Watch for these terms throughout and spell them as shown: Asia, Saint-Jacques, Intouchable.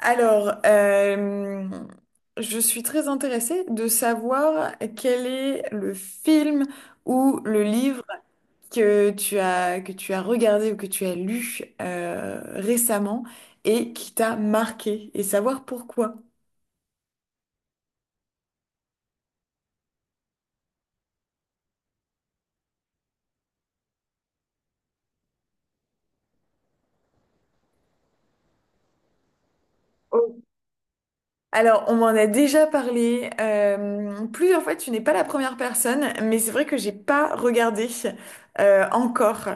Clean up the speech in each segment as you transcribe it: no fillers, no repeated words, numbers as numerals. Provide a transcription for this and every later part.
Alors, je suis très intéressée de savoir quel est le film ou le livre que tu as regardé ou que tu as lu récemment et qui t'a marqué et savoir pourquoi. Oh. Alors, on m'en a déjà parlé plusieurs fois, tu n'es pas la première personne, mais c'est vrai que j'ai pas regardé encore.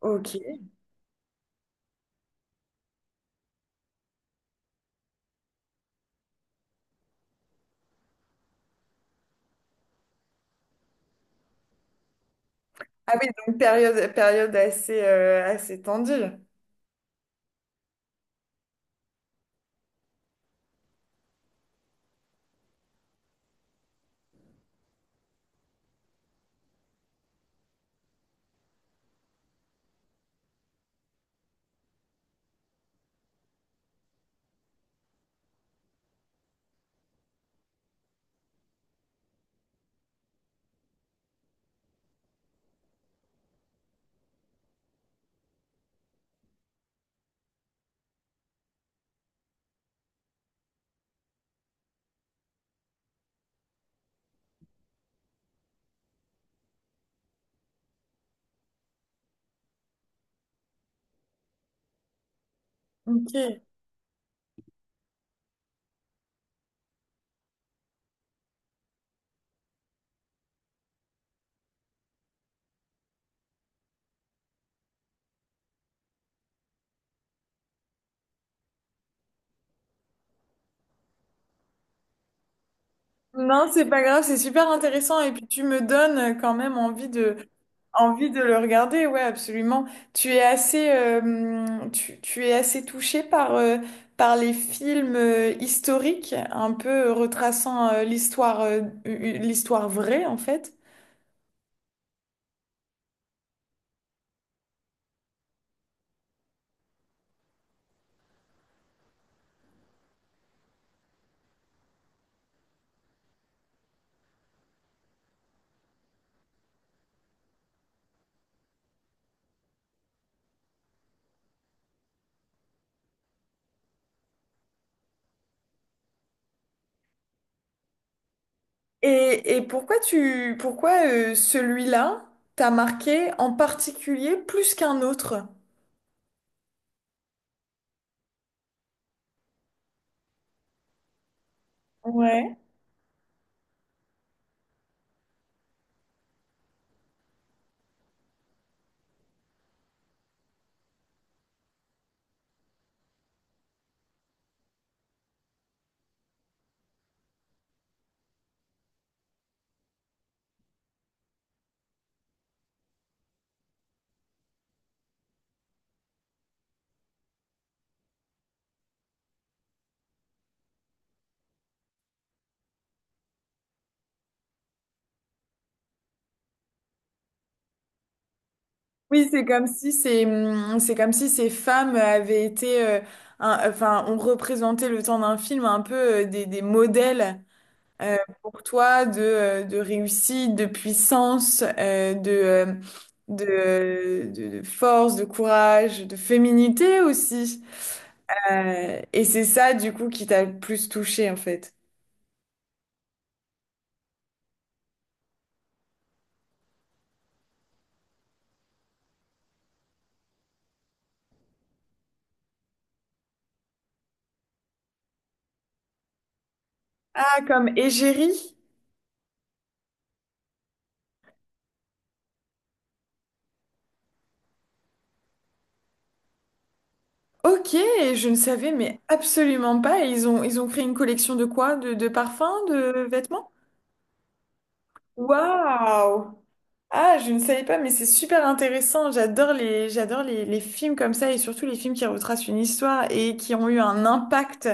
Ok. Ah oui, donc période assez, assez tendue. Ok. Non, c'est pas grave, c'est super intéressant et puis tu me donnes quand même envie de le regarder, ouais, absolument. Tu es assez touché par les films historiques, un peu retraçant l'histoire vraie en fait. Et pourquoi celui-là t'a marqué en particulier plus qu'un autre? Ouais. Oui, c'est comme si ces, c'est comme si ces femmes avaient été, enfin, on représentait le temps d'un film un peu des modèles euh, pour toi de réussite, de puissance, de force, de courage, de féminité aussi. Et c'est ça, du coup, qui t'a le plus touché, en fait. Ah, comme égérie? Ok, je ne savais mais absolument pas. Ils ont créé une collection de quoi? De parfums, de vêtements? Waouh! Ah, je ne savais pas, mais c'est super intéressant. J'adore les films comme ça et surtout les films qui retracent une histoire et qui ont eu un impact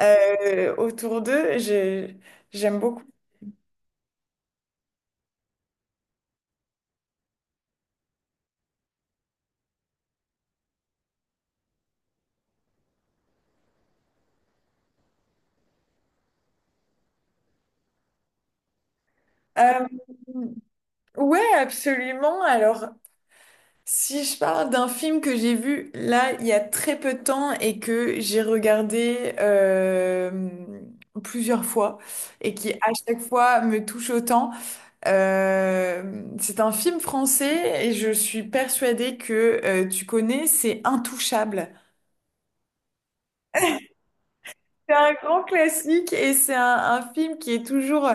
autour d'eux. J'aime beaucoup. Euh, ouais, absolument. Alors, si je parle d'un film que j'ai vu là il y a très peu de temps et que j'ai regardé plusieurs fois et qui à chaque fois me touche autant, c'est un film français et je suis persuadée que tu connais, c'est Intouchable. C'est un grand classique et c'est un film qui est toujours,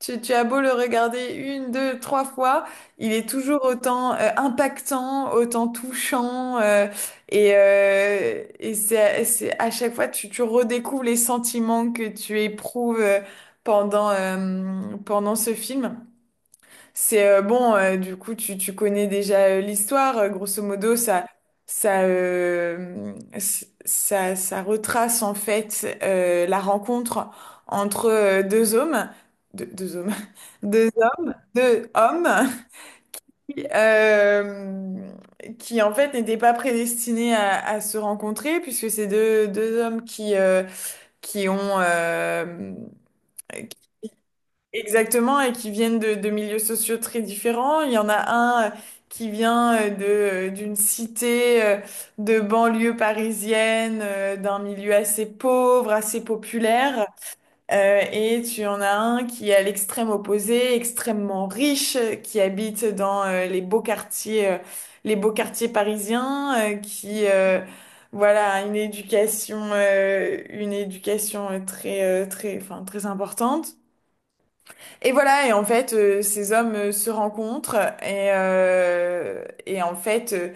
tu as beau le regarder une, deux, trois fois, il est toujours autant impactant, autant touchant et c'est à chaque fois tu redécouvres les sentiments que tu éprouves pendant ce film. C'est Bon, du coup, tu connais déjà l'histoire. Grosso modo, ça retrace en fait la rencontre entre deux hommes, deux, deux hommes, deux, deux hommes qui, euh, qui, en fait n'étaient pas prédestinés à se rencontrer puisque c'est deux hommes qui ont. Exactement, et qui viennent de milieux sociaux très différents. Il y en a un qui vient d'une cité de banlieue parisienne, d'un milieu assez pauvre, assez populaire. Et tu en as un qui est à l'extrême opposé, extrêmement riche, qui habite dans les beaux quartiers parisiens, qui voilà a une éducation très, très, enfin très importante. Et voilà, et en fait, ces hommes se rencontrent et en fait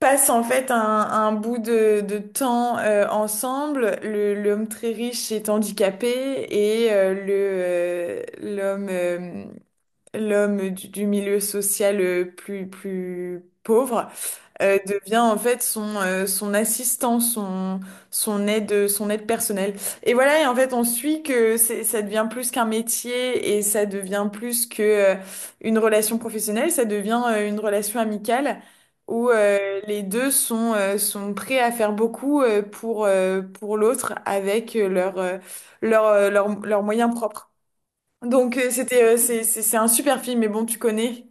passent en fait un bout de temps ensemble. L'homme très riche est handicapé et le l'homme l'homme du milieu social plus pauvre devient en fait son assistant, son aide personnelle. Et voilà, et en fait, on suit que ça devient plus qu'un métier et ça devient plus que, une relation professionnelle, ça devient, une relation amicale où, les deux sont prêts à faire beaucoup, pour l'autre avec leurs moyens propres. Donc, c'était, c'est un super film, mais bon, tu connais.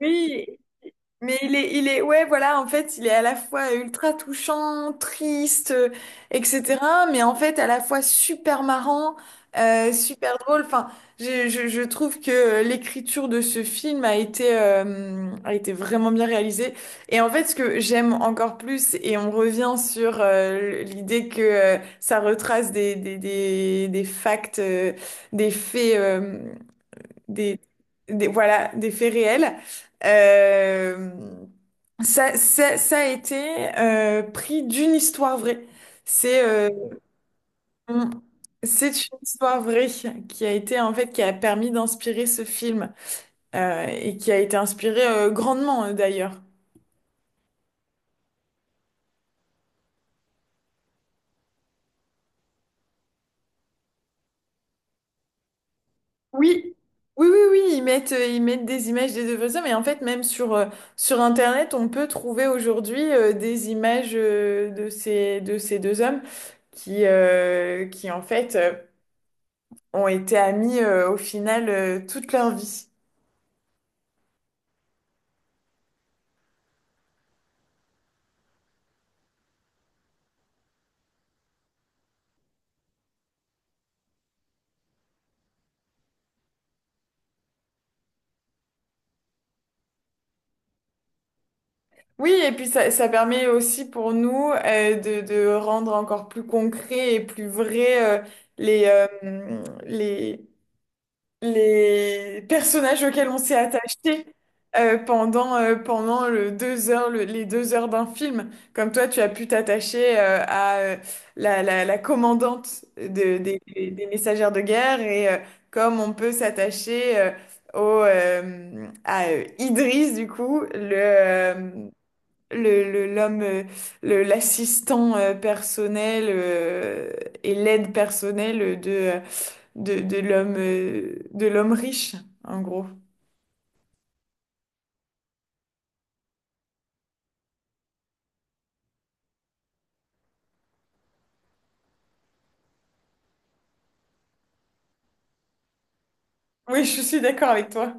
Oui. Mais ouais, voilà, en fait, il est à la fois ultra touchant, triste, etc. Mais en fait, à la fois super marrant, super drôle. Enfin, je trouve que l'écriture de ce film a été vraiment bien réalisée. Et en fait, ce que j'aime encore plus, et on revient sur l'idée que ça retrace des faits. Des, voilà, des faits réels. Euh, ça a été pris d'une histoire vraie. C'est euh, on- c'est une histoire vraie qui a été en fait, qui a permis d'inspirer ce film et qui a été inspiré grandement d'ailleurs. Oui, oui, oui, oui, ils mettent des images des œuvres d'art, mais en fait, même sur Internet, on peut trouver aujourd'hui des images de ces deux hommes qui en fait, ont été amis au final toute leur vie. Oui, et puis ça permet aussi pour nous de rendre encore plus concret et plus vrai les, euh, les, les personnages auxquels on s'est attaché pendant le deux heures, le- les deux heures d'un film. Comme toi, tu as pu t'attacher à la commandante des messagères de guerre et comme on peut s'attacher à Idriss, du coup, l'homme, l'assistant personnel et l'aide personnelle de l'homme riche, en gros. Oui, je suis d'accord avec toi.